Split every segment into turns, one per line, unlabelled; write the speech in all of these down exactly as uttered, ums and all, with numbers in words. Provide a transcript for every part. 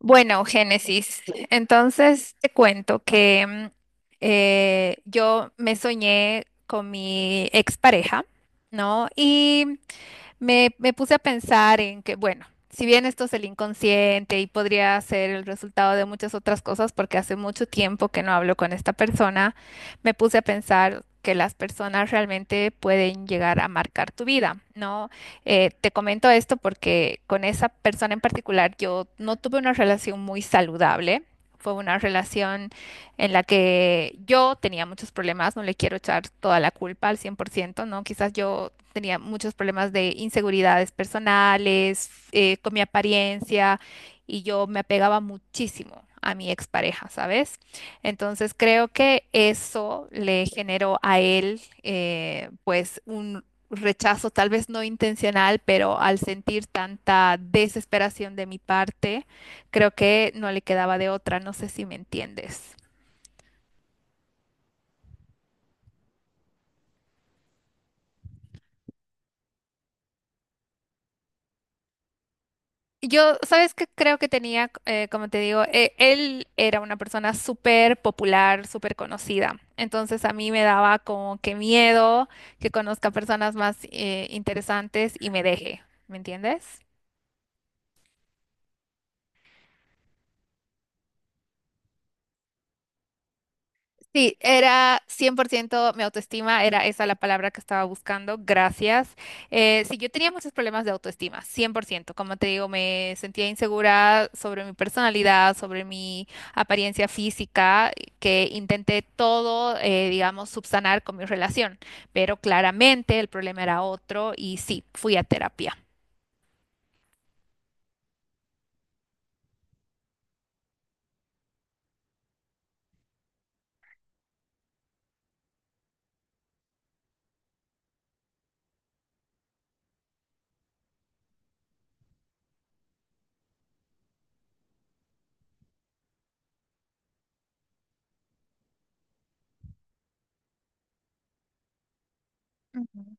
Bueno, Génesis, entonces te cuento que mm, eh, yo me soñé con mi expareja, ¿no? Y me, me puse a pensar en que, bueno, si bien esto es el inconsciente y podría ser el resultado de muchas otras cosas, porque hace mucho tiempo que no hablo con esta persona, me puse a pensar que las personas realmente pueden llegar a marcar tu vida, ¿no? Eh, te comento esto porque con esa persona en particular yo no tuve una relación muy saludable. Fue una relación en la que yo tenía muchos problemas, no le quiero echar toda la culpa al cien por ciento, ¿no? Quizás yo tenía muchos problemas de inseguridades personales, eh, con mi apariencia, y yo me apegaba muchísimo a mi expareja, ¿sabes? Entonces creo que eso le generó a él, eh, pues, un rechazo tal vez no intencional, pero al sentir tanta desesperación de mi parte, creo que no le quedaba de otra, no sé si me entiendes. Yo, ¿sabes qué? Creo que tenía, eh, como te digo, eh, él era una persona súper popular, súper conocida. Entonces a mí me daba como que miedo que conozca personas más eh, interesantes y me deje, ¿me entiendes? Sí, era cien por ciento mi autoestima, era esa la palabra que estaba buscando, gracias. Eh, sí, yo tenía muchos problemas de autoestima, cien por ciento. Como te digo, me sentía insegura sobre mi personalidad, sobre mi apariencia física, que intenté todo, eh, digamos, subsanar con mi relación, pero claramente el problema era otro y sí, fui a terapia. Ujú.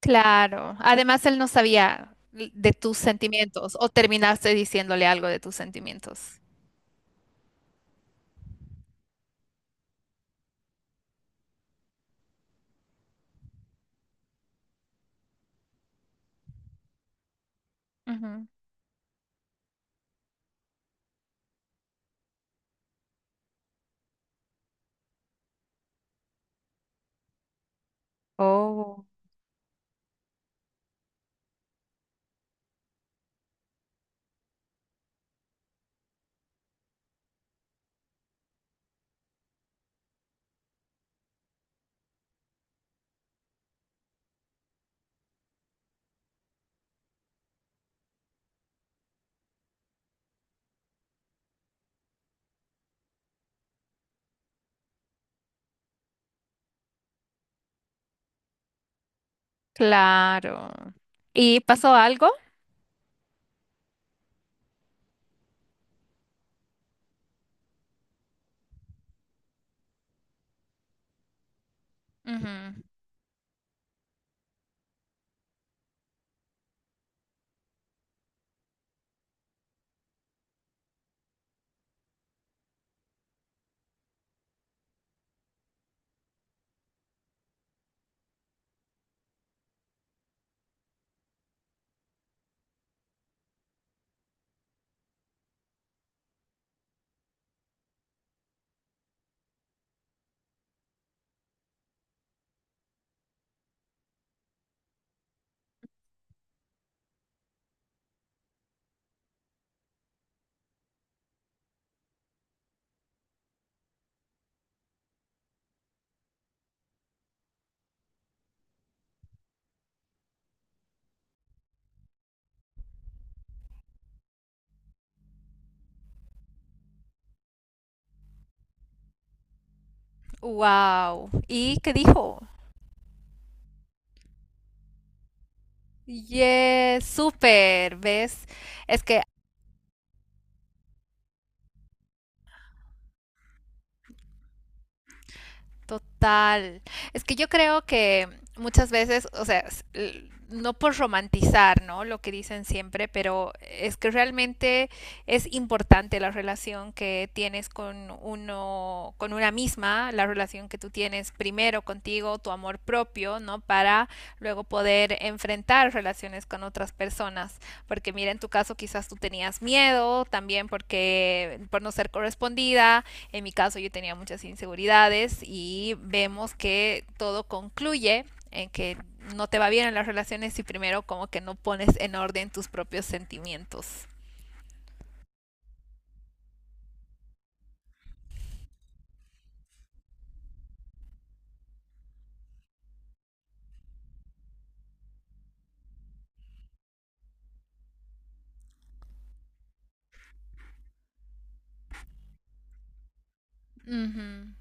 Claro, además él no sabía l- de tus sentimientos o terminaste diciéndole algo de tus sentimientos. Ujú. Oh. Claro. ¿Y pasó algo? Wow. ¿Y qué dijo? Yes, súper, ¿ves? Es que total. Es que yo creo que muchas veces, o sea, s- l- no por romantizar, ¿no? Lo que dicen siempre, pero es que realmente es importante la relación que tienes con uno, con una misma, la relación que tú tienes primero contigo, tu amor propio, ¿no? Para luego poder enfrentar relaciones con otras personas. Porque mira, en tu caso quizás tú tenías miedo también porque por no ser correspondida, en mi caso yo tenía muchas inseguridades y vemos que todo concluye en que no te va bien en las relaciones si primero como que no pones en orden tus propios sentimientos. Ujú.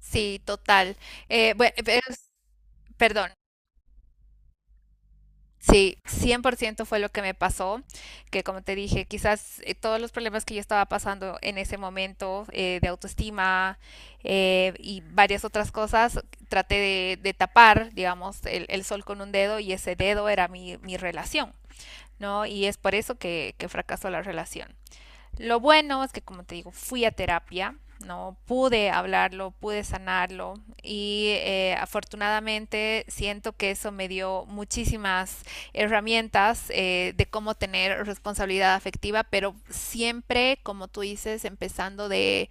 Sí, total. Eh, bueno, pero- perdón. Sí, cien por ciento fue lo que me pasó, que como te dije, quizás eh, todos los problemas que yo estaba pasando en ese momento, eh, de autoestima eh, y varias otras cosas, traté de, de tapar, digamos, el, el sol con un dedo y ese dedo era mi, mi relación, ¿no? Y es por eso que, que fracasó la relación. Lo bueno es que, como te digo, fui a terapia, ¿no? Pude hablarlo, pude sanarlo y eh, afortunadamente siento que eso me dio muchísimas herramientas, eh, de cómo tener responsabilidad afectiva, pero siempre, como tú dices, empezando de,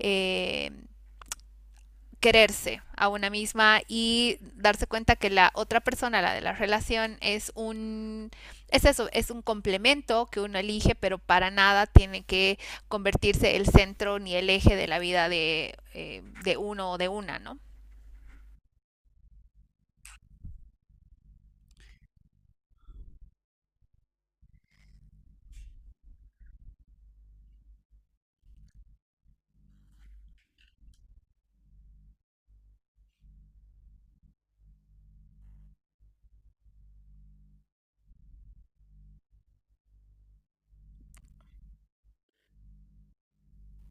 eh, quererse a una misma y darse cuenta que la otra persona, la de la relación, es un, es eso, es un complemento que uno elige, pero para nada tiene que convertirse el centro ni el eje de la vida de, eh, de uno o de una, ¿no?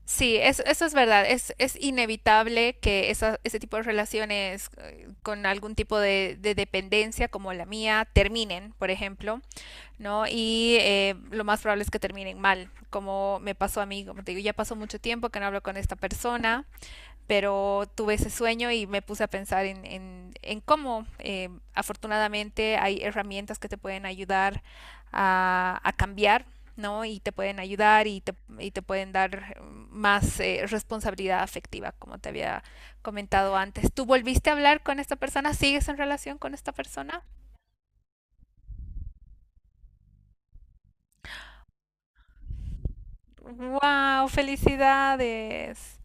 Sí, es, eso es verdad. Es, es inevitable que esa, ese tipo de relaciones, eh, con algún tipo de, de dependencia como la mía, terminen, por ejemplo. ¿No? Y eh, lo más probable es que terminen mal, como me pasó a mí, como te digo, ya pasó mucho tiempo que no hablo con esta persona, pero tuve ese sueño y me puse a pensar en, en, en, cómo eh, afortunadamente hay herramientas que te pueden ayudar a, a cambiar. ¿No? Y te pueden ayudar y te, y te pueden dar más, eh, responsabilidad afectiva, como te había comentado antes. ¿Tú volviste a hablar con esta persona? ¿Sigues en relación con esta persona? ¡Wow! ¡Felicidades!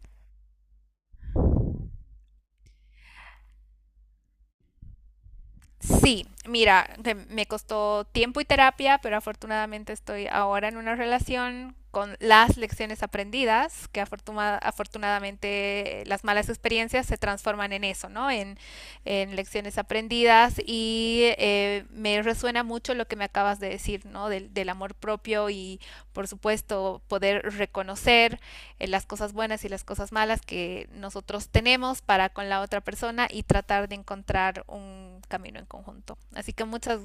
Sí, mira, te- me costó tiempo y terapia, pero afortunadamente estoy ahora en una relación con las lecciones aprendidas, que afortuna- afortunadamente, eh, las malas experiencias se transforman en eso, ¿no? En, en lecciones aprendidas y eh, me resuena mucho lo que me acabas de decir, ¿no? Del, del amor propio y, por supuesto, poder reconocer las cosas buenas y las cosas malas que nosotros tenemos para con la otra persona y tratar de encontrar un camino en conjunto. Así que muchas.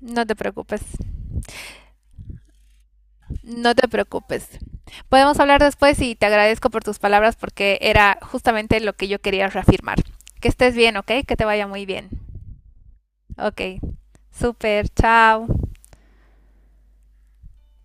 No te preocupes, no te preocupes. Podemos hablar después y te agradezco por tus palabras porque era justamente lo que yo quería reafirmar. Que estés bien, ¿ok? Que te vaya muy bien. Ok, super, chao.